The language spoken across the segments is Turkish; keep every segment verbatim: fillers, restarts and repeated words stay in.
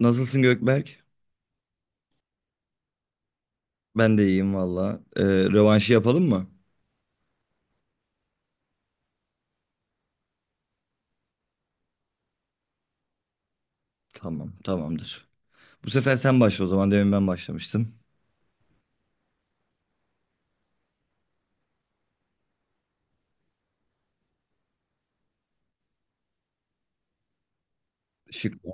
Nasılsın Gökberk? Ben de iyiyim valla. Ee, rövanşı yapalım mı? Tamam, tamamdır. Bu sefer sen başla o zaman. Demin ben başlamıştım. Şıkla.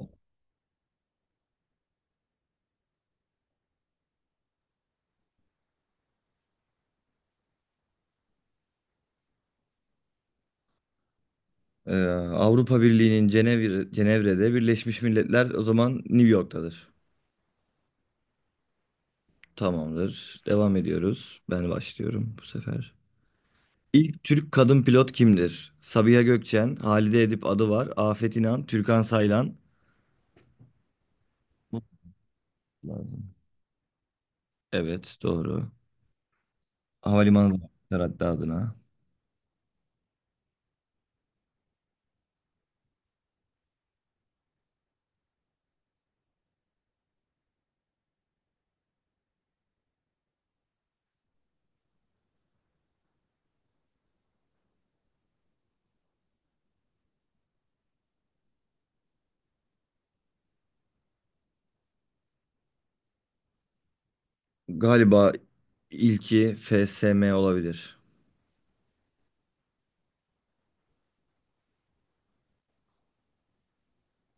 Ee, Avrupa Birliği'nin Cenevre, Cenevre'de Birleşmiş Milletler o zaman New York'tadır. Tamamdır. Devam ediyoruz. Ben başlıyorum bu sefer. İlk Türk kadın pilot kimdir? Sabiha Gökçen, Halide Edip Adıvar, Afet İnan, Türkan Saylan. Bu lazım. Evet, doğru. Havalimanı da var hatta adına. Galiba ilki F S M olabilir.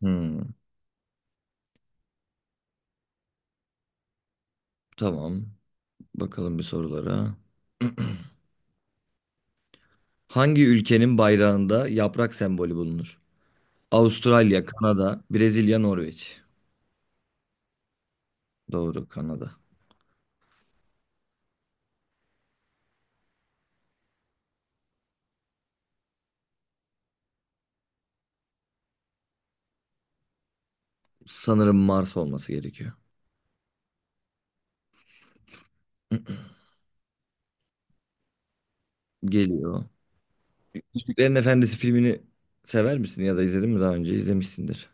Hmm. Tamam. Bakalım bir sorulara. Hangi ülkenin bayrağında yaprak sembolü bulunur? Avustralya, Kanada, Brezilya, Norveç. Doğru, Kanada. Sanırım Mars olması gerekiyor. Geliyor. Yüzüklerin Efendisi filmini sever misin ya da izledin mi daha önce? İzlemişsindir.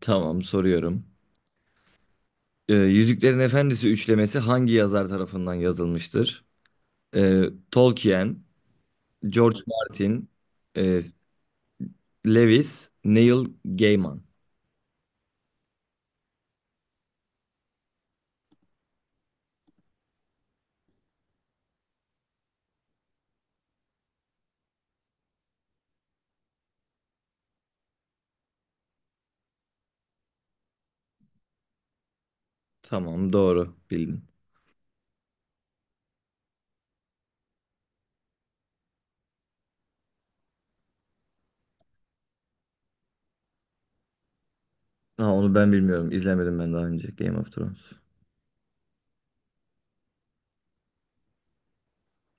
Tamam, soruyorum. Ee, Yüzüklerin Efendisi üçlemesi hangi yazar tarafından yazılmıştır? Ee, Tolkien, George Martin, e, Lewis, Neil Gaiman. Tamam, doğru bildin. Ha, onu ben bilmiyorum. İzlemedim ben daha önce Game of Thrones.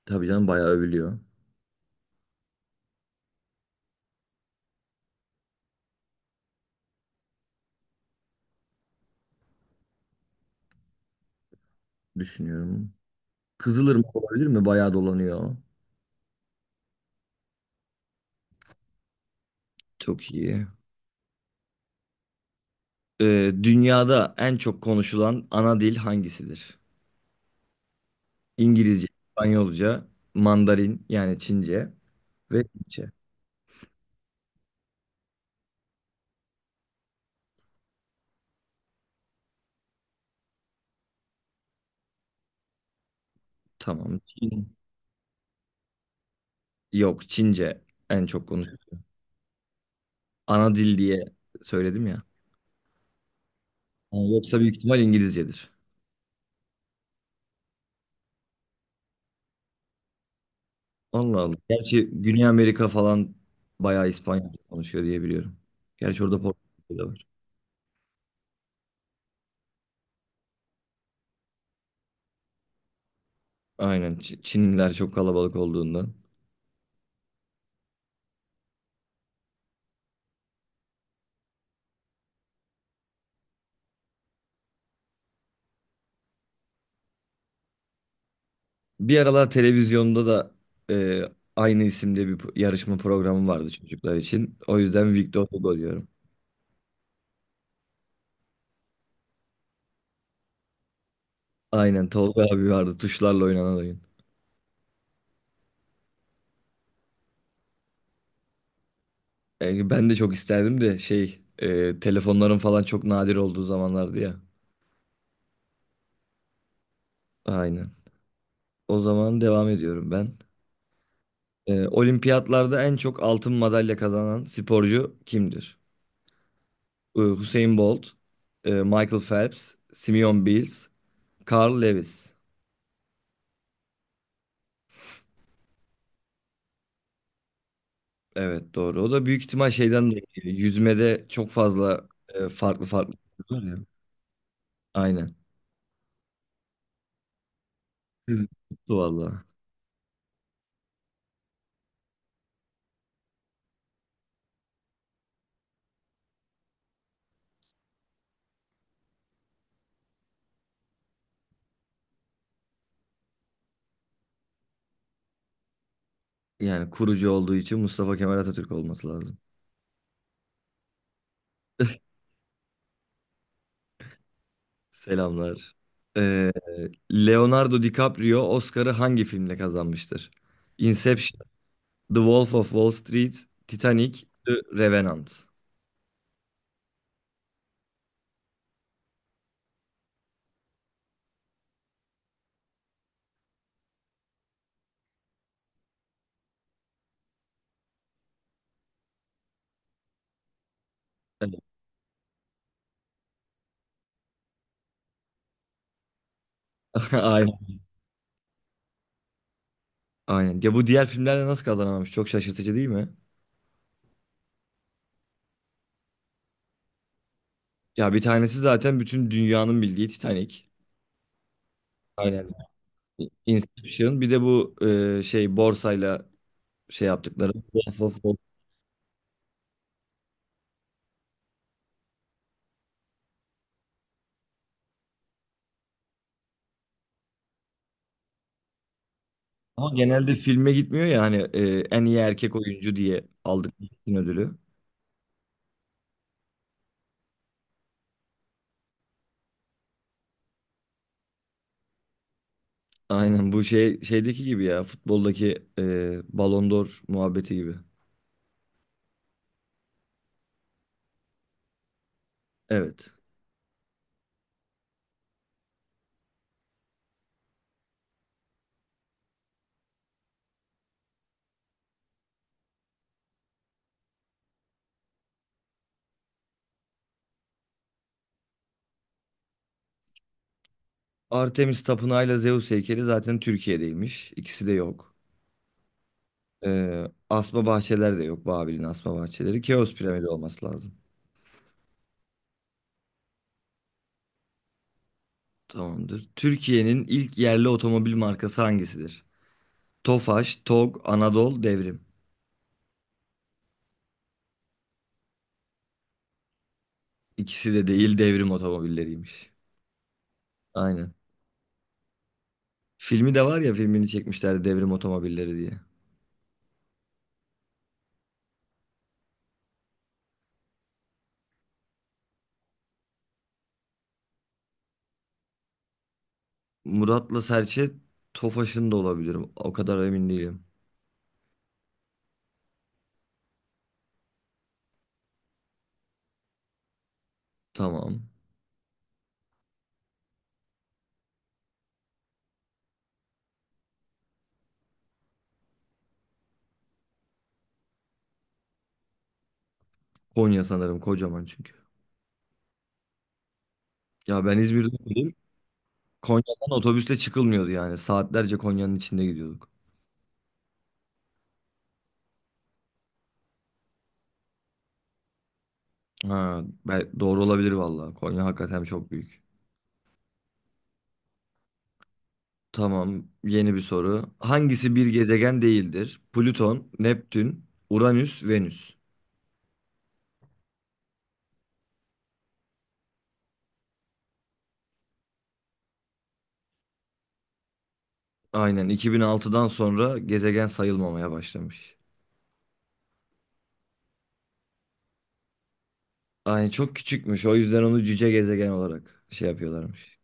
Tabii canım, bayağı övülüyor. Düşünüyorum. Kızılırmak olabilir mi? Bayağı dolanıyor. Çok iyi. Ee, dünyada en çok konuşulan ana dil hangisidir? İngilizce, İspanyolca, Mandarin yani Çince ve Hintçe. Tamam. Çin. Yok, Çince en çok konuşulan. Ana dil diye söyledim ya. Ha, yoksa büyük ihtimal İngilizcedir. Allah Allah. Gerçi Güney Amerika falan bayağı İspanyolca konuşuyor diye biliyorum. Gerçi orada Portekizce de var. Aynen. Ç- Çinliler çok kalabalık olduğundan. Bir aralar televizyonda da e, aynı isimde bir pro- yarışma programı vardı çocuklar için. O yüzden Victor Hugo diyorum. Aynen, Tolga abi vardı, tuşlarla oynanan oyun. E, ben de çok isterdim de şey, e, telefonların falan çok nadir olduğu zamanlardı ya. Aynen. O zaman devam ediyorum ben. Ee, olimpiyatlarda en çok altın madalya kazanan sporcu kimdir? Ee, Hüseyin Bolt, e, Michael Phelps, Simeon Biles, Carl Lewis. Evet, doğru. O da büyük ihtimal şeyden dolayı geliyor. Yüzmede çok fazla e, farklı farklı var ya. Aynen. Hızlı tuttu valla. Yani kurucu olduğu için Mustafa Kemal Atatürk olması lazım. Selamlar. Ee, Leonardo DiCaprio Oscar'ı hangi filmle kazanmıştır? Inception. The Wolf of Wall Street, Titanic, The Revenant. Evet. Aynen, aynen. Ya, bu diğer filmlerle nasıl kazanamamış? Çok şaşırtıcı değil mi? Ya bir tanesi zaten bütün dünyanın bildiği Titanic. Aynen. Inception. Bir de bu e, şey, borsayla şey yaptıkları. Wolf of Wall- Ama genelde filme gitmiyor ya hani, e, en iyi erkek oyuncu diye aldık bütün ödülü. Aynen bu şey şeydeki gibi ya, futboldaki e, Ballon d'Or muhabbeti gibi. Evet. Artemis Tapınağı'yla Zeus heykeli zaten Türkiye'deymiş. İkisi de yok. Ee, Asma bahçeler de yok. Babil'in asma bahçeleri. Keops piramidi olması lazım. Tamamdır. Türkiye'nin ilk yerli otomobil markası hangisidir? Tofaş, Tog, Anadolu, Devrim. İkisi de değil, Devrim otomobilleriymiş. Aynen. Filmi de var ya, filmini çekmişler, Devrim otomobilleri diye. Murat'la Serçe Tofaş'ın da olabilirim. O kadar emin değilim. Tamam. Konya sanırım, kocaman çünkü. Ya, ben İzmir'de Konya'dan otobüsle çıkılmıyordu yani. Saatlerce Konya'nın içinde gidiyorduk. Ha, bel- doğru olabilir valla, Konya hakikaten çok büyük. Tamam, yeni bir soru. Hangisi bir gezegen değildir? Plüton, Neptün, Uranüs, Venüs. Aynen, iki bin altıdan sonra gezegen sayılmamaya başlamış. Aynen, çok küçükmüş. O yüzden onu cüce gezegen olarak şey yapıyorlarmış.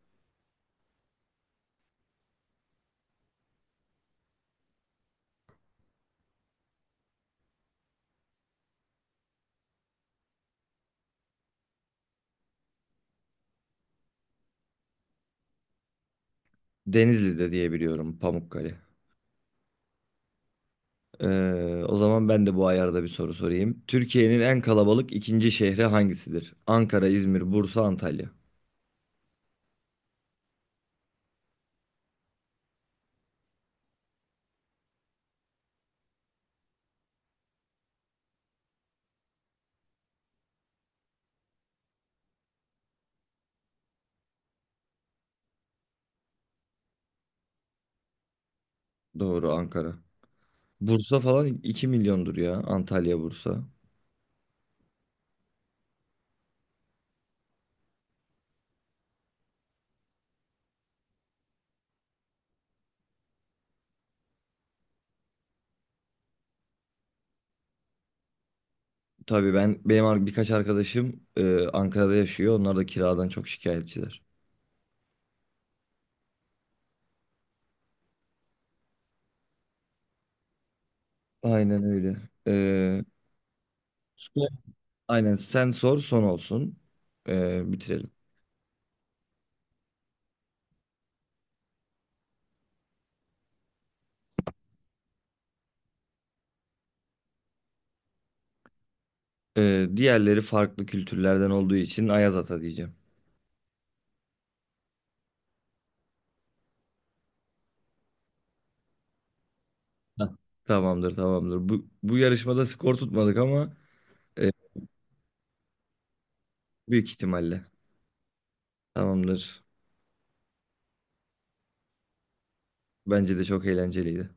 Denizli'de diye biliyorum Pamukkale. Ee, o zaman ben de bu ayarda bir soru sorayım. Türkiye'nin en kalabalık ikinci şehri hangisidir? Ankara, İzmir, Bursa, Antalya. Doğru, Ankara. Bursa falan iki milyondur ya. Antalya, Bursa. Tabii, ben benim ar- birkaç arkadaşım e, Ankara'da yaşıyor. Onlar da kiradan çok şikayetçiler. Aynen öyle. Ee, son- aynen, sen sor, son olsun. Ee, bitirelim. Ee, diğerleri farklı kültürlerden olduğu için Ayaz Ata diyeceğim. Heh. Tamamdır, tamamdır. Bu, bu yarışmada skor tutmadık ama... E, Büyük ihtimalle. Tamamdır. Bence de çok eğlenceliydi.